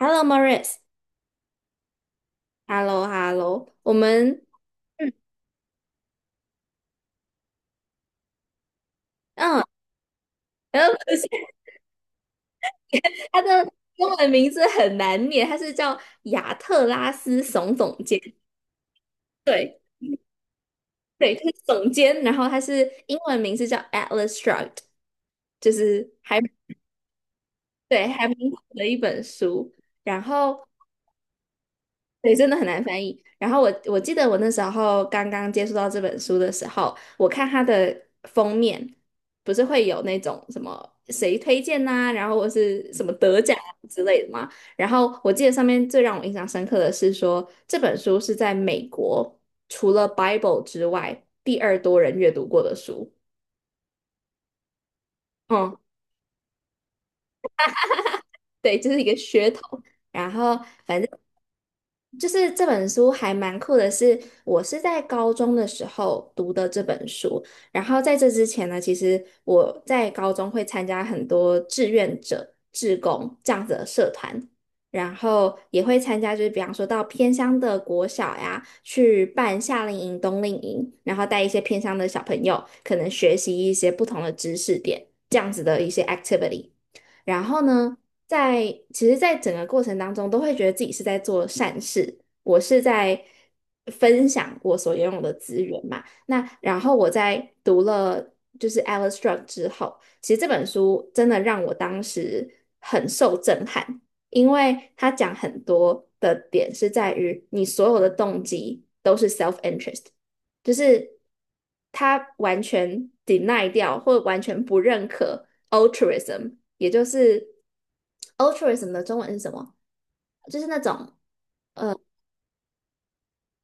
Hello, Maurice。Hello, Hello。我们，嗯，嗯，然后不是 他的中文名字很难念，他是叫亚特拉斯耸总监。对，对，他是总监。然后他是英文名字叫《Atlas Shrugged》，就是还对还蛮好的一本书。然后对，真的很难翻译。然后我记得我那时候刚刚接触到这本书的时候，我看它的封面，不是会有那种什么谁推荐呐、然后或是什么得奖啊之类的嘛。然后我记得上面最让我印象深刻的是说，这本书是在美国除了 Bible 之外第二多人阅读过的书。嗯，对，这是一个噱头。然后。反正。就是这本书还蛮酷的是，我是在高中的时候读的这本书。然后在这之前呢，其实我在高中会参加很多志愿者、志工这样子的社团，然后也会参加，就是比方说到偏乡的国小呀，去办夏令营、冬令营，然后带一些偏乡的小朋友，可能学习一些不同的知识点，这样子的一些 activity。然后呢，在其实，在整个过程当中，都会觉得自己是在做善事，我是在分享我所拥有的资源嘛。那然后我在读了就是 Alice Strock 之后，其实这本书真的让我当时很受震撼，因为他讲很多的点是在于你所有的动机都是 self interest。就是他完全 deny 掉或完全不认可 altruism，也就是 altruism 的中文是什么？就是那种。呃。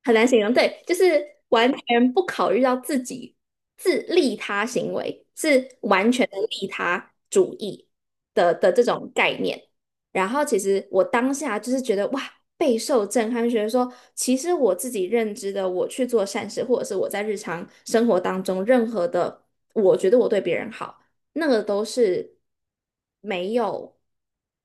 很难形容，对，就是完全不考虑到自己自利他行为，是完全的利他主义的这种概念。然后其实我当下就是觉得哇，备受震撼，觉得说其实我自己认知的，我去做善事，或者是我在日常生活当中任何的，我觉得我对别人好，那个都是没有，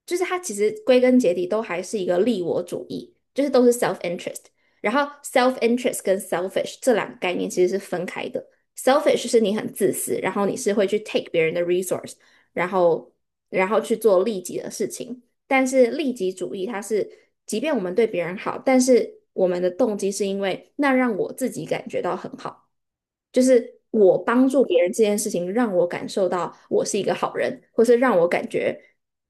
就是它其实归根结底都还是一个利我主义，就是都是 self interest。然后 self interest 跟 selfish 这两个概念其实是分开的。selfish 是你很自私，然后你是会去 take 别人的 resource，然后然后去做利己的事情。但是利己主义它是，即便我们对别人好，但是我们的动机是因为那让我自己感觉到很好。就是我帮助别人这件事情，让我感受到我是一个好人，或是让我感觉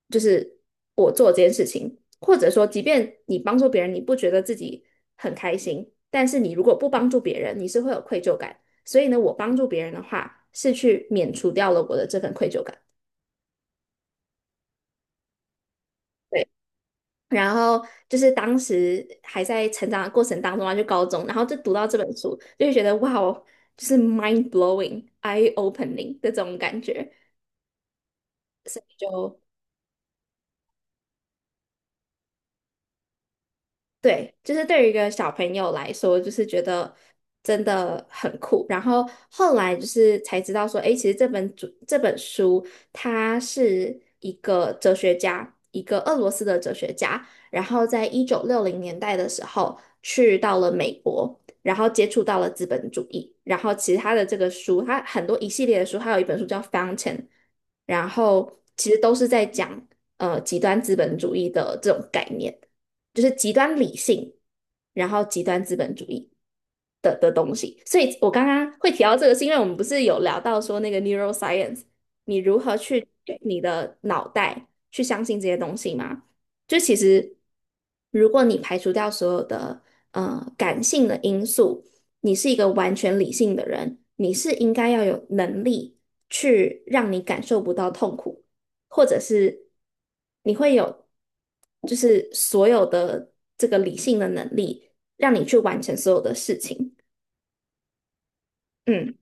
就是我做这件事情，或者说，即便你帮助别人，你不觉得自己很开心，但是你如果不帮助别人，你是会有愧疚感。所以呢，我帮助别人的话，是去免除掉了我的这份愧疚感。对，然后就是当时还在成长的过程当中啊，就高中，然后就读到这本书，就会觉得哇哦，就是 mind blowing、eye opening 的这种感觉。所以就对，就是对于一个小朋友来说，就是觉得真的很酷。然后后来就是才知道说，诶，其实这本书，它是一个哲学家，一个俄罗斯的哲学家，然后在1960年代的时候去到了美国。然后接触到了资本主义，然后其实他的这个书，他很多一系列的书，还有一本书叫《Fountain》，然后其实都是在讲极端资本主义的这种概念。就是极端理性，然后极端资本主义的东西。所以我刚刚会提到这个，是因为我们不是有聊到说那个 neuroscience，你如何去你的脑袋去相信这些东西吗？就其实，如果你排除掉所有的感性的因素，你是一个完全理性的人，你是应该要有能力去让你感受不到痛苦。或者是你会有，就是所有的这个理性的能力，让你去完成所有的事情。嗯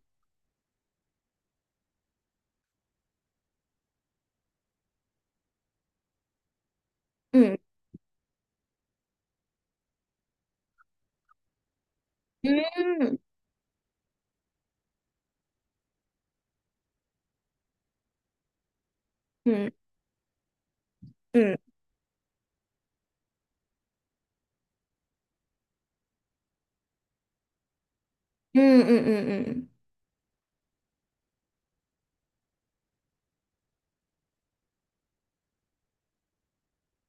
嗯嗯嗯嗯嗯嗯嗯嗯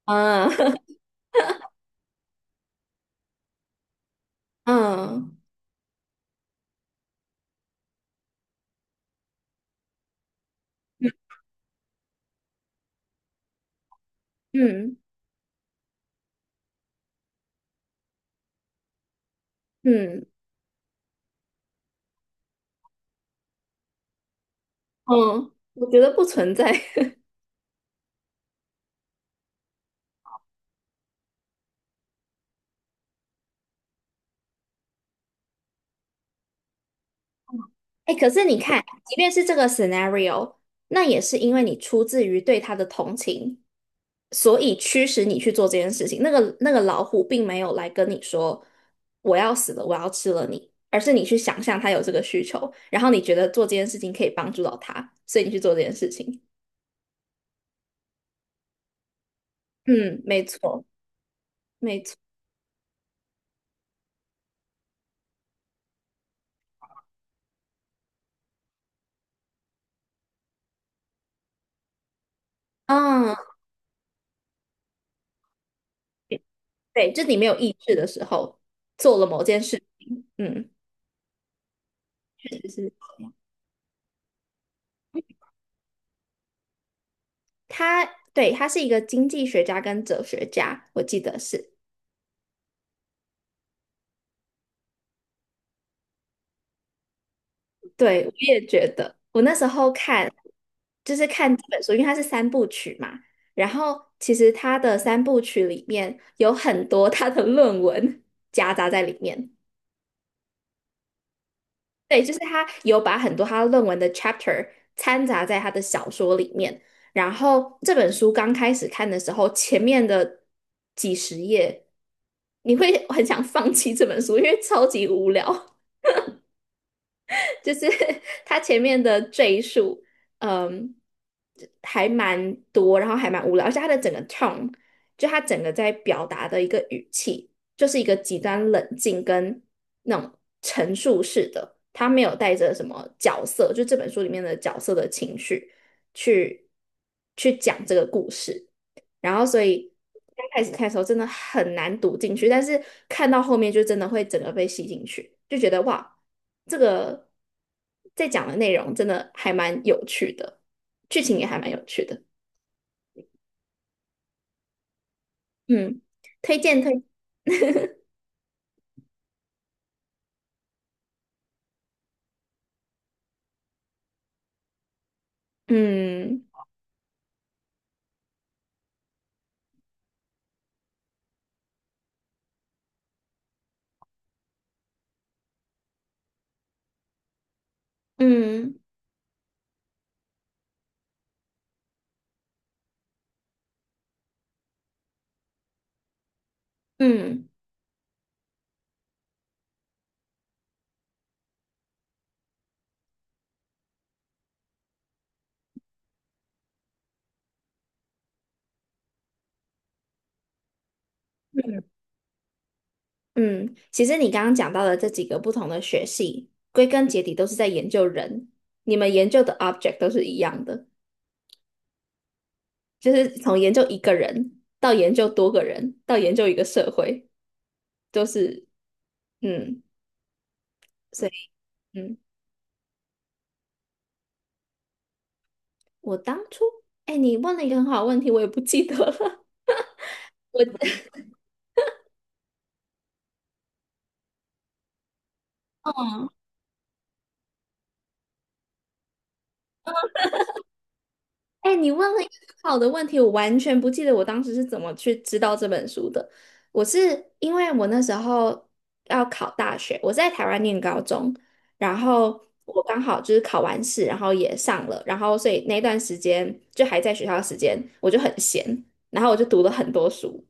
啊 嗯嗯嗯嗯，我觉得不存在。哎，可是你看，即便是这个 scenario，那也是因为你出自于对他的同情。所以驱使你去做这件事情。那个老虎并没有来跟你说我要死了，我要吃了你，而是你去想象它有这个需求，然后你觉得做这件事情可以帮助到它，所以你去做这件事情。嗯，没错，没错。啊，对，就是你没有意志的时候做了某件事。嗯，确实是。他，对，他是一个经济学家跟哲学家，我记得是。对，我也觉得，我那时候就是看这本书，因为它是三部曲嘛，然后其实它的三部曲里面有很多 他的论文夹杂在里面，对，就是他有把很多他论文的 chapter 掺杂在他的小说里面，然后这本书刚开始看的时候，前面的几十页你会很想放弃这本书，因为超级无聊。就是他前面的赘述，嗯，还蛮多，然后还蛮无聊，而且他的整个 tone，就他整个在表达的一个语气，就是一个极端冷静跟那种陈述式的，他没有带着什么角色，就这本书里面的角色的情绪去去讲这个故事。然后所以刚开始看的时候真的很难读进去，但是看到后面就真的会整个被吸进去，就觉得哇，这个在讲的内容真的还蛮有趣的，剧情也还蛮有趣的，嗯，推荐。嗯嗯嗯嗯，其实你刚刚讲到的这几个不同的学系，归根结底都是在研究人，你们研究的 object 都是一样的，就是从研究一个人到研究多个人，到研究一个社会。都是嗯，所以嗯，我当初哎，你问了一个很好的问题，我也不记得了。我哎，你问了一个很好的问题，我完全不记得我当时是怎么去知道这本书的。我是因为我那时候要考大学，我是在台湾念高中，然后我刚好就是考完试，然后也上了，然后所以那段时间就还在学校的时间，我就很闲，然后我就读了很多书，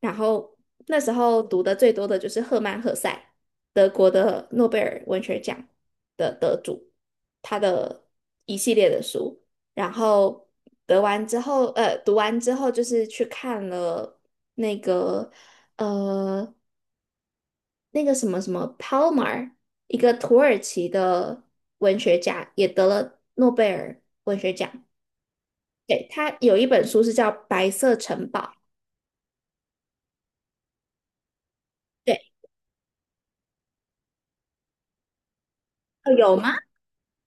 然后那时候读的最多的就是赫曼·赫塞，德国的诺贝尔文学奖的得主，他的一系列的书。然后得完之后，呃，读完之后就是去看了那个呃那个什么什么 Palmer，一个土耳其的文学家，也得了诺贝尔文学奖。对，他有一本书是叫《白色城堡》。对，哦有吗？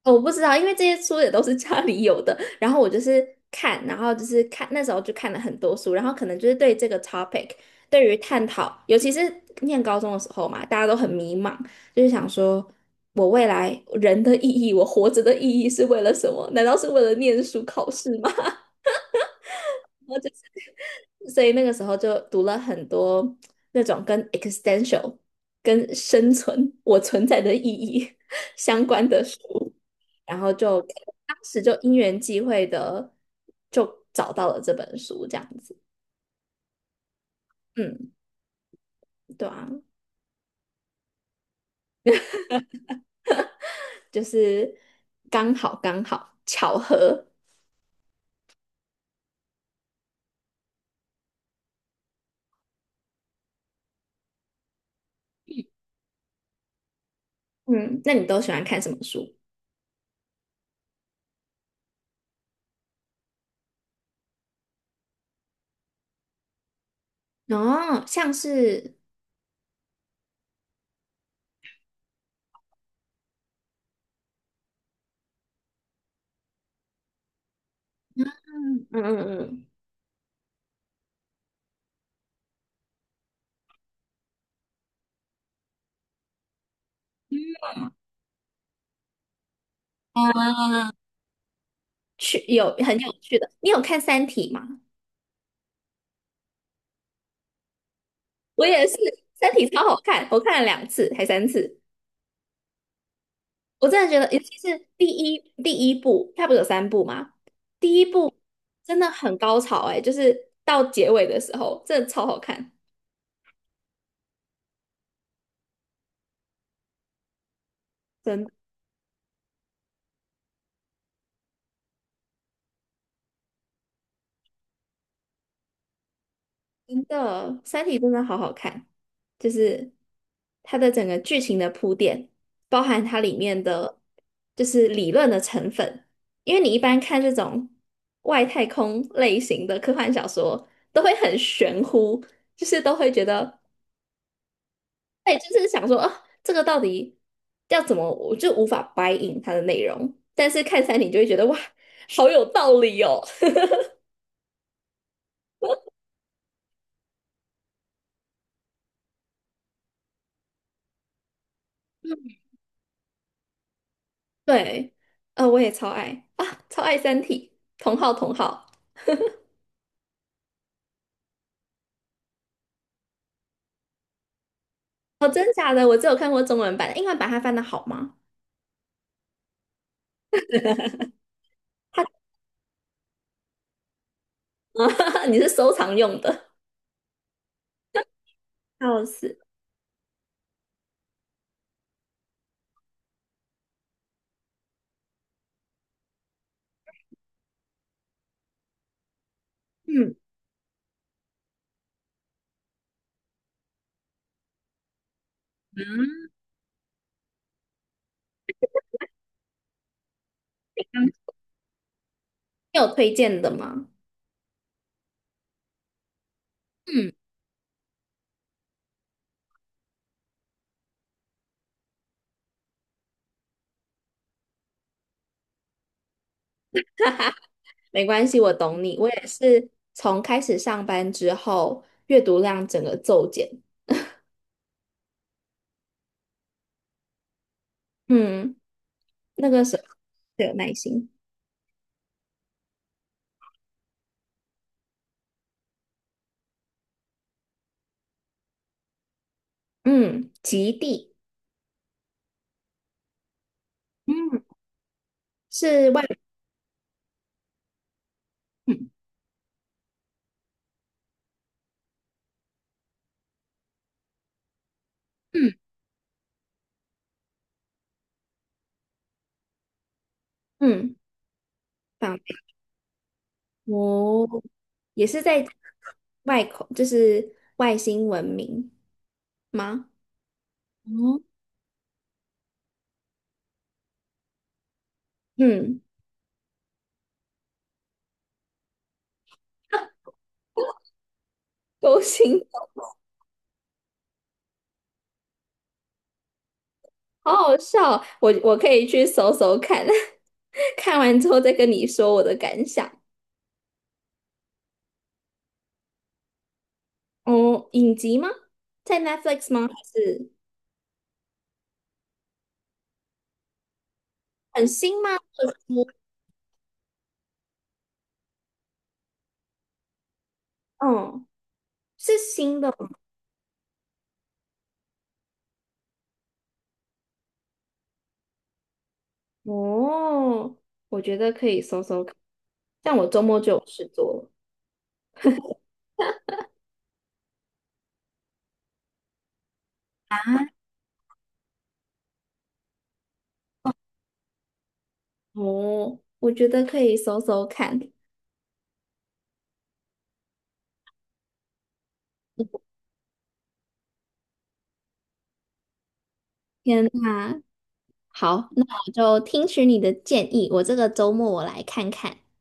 哦，我不知道，因为这些书也都是家里有的，然后我就是看，然后就是看，那时候就看了很多书，然后可能就是对这个 topic，对于探讨，尤其是念高中的时候嘛，大家都很迷茫，就是想说，我未来人的意义，我活着的意义是为了什么？难道是为了念书考试吗？所以那个时候就读了很多那种跟 existential、跟生存、我存在的意义 相关的书，然后就当时就因缘际会的就找到了这本书，这样子。嗯，对啊，就是刚好巧合。嗯，那你都喜欢看什么书？哦，像是嗯，嗯，去有很有趣的，你有看《三体》吗？我也是，《三体》超好看，我看了两次还三次，我真的觉得，尤其是第一部，它不是有三部吗？第一部真的很高潮哎、就是到结尾的时候，真的超好看，真真的，《三体》真的好好看，就是它的整个剧情的铺垫，包含它里面的就是理论的成分，因为你一般看这种外太空类型的科幻小说，都会很玄乎，就是都会觉得。对，就是想说，啊，这个到底要怎么，我就无法 buy in 它的内容。但是看餐厅就会觉得，哇，好有道理哦。对，我也超爱啊，超爱《三体》，同号同号。哦，真假的，我只有看过中文版的，英文版它翻的好吗？它 你是收藏用的，笑死。嗯，你有推荐的吗？嗯，没关系，我懂你。我也是从开始上班之后，阅读量整个骤减。嗯，那个时候最有耐心。嗯，极地嗯是外，嗯嗯嗯，访哦，也是在外口，就是外星文明吗？哦，嗯，勾心，好好笑，我可以去搜搜看，看完之后再跟你说我的感想。哦，影集吗？在 Netflix 吗？还是很新吗？或者是哦，是新的吗哦，我觉得可以搜搜看，但我周末就有事做了。哦，我觉得可以搜搜看。天呐，好，那我就听取你的建议，我这个周末我来看看。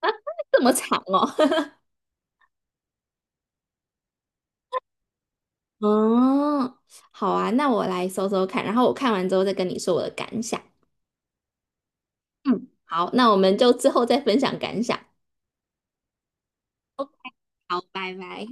啊，这么长哦。哦，好啊，那我来搜搜看，然后我看完之后再跟你说我的感想。嗯，好，那我们就之后再分享感想。OK，好，拜拜。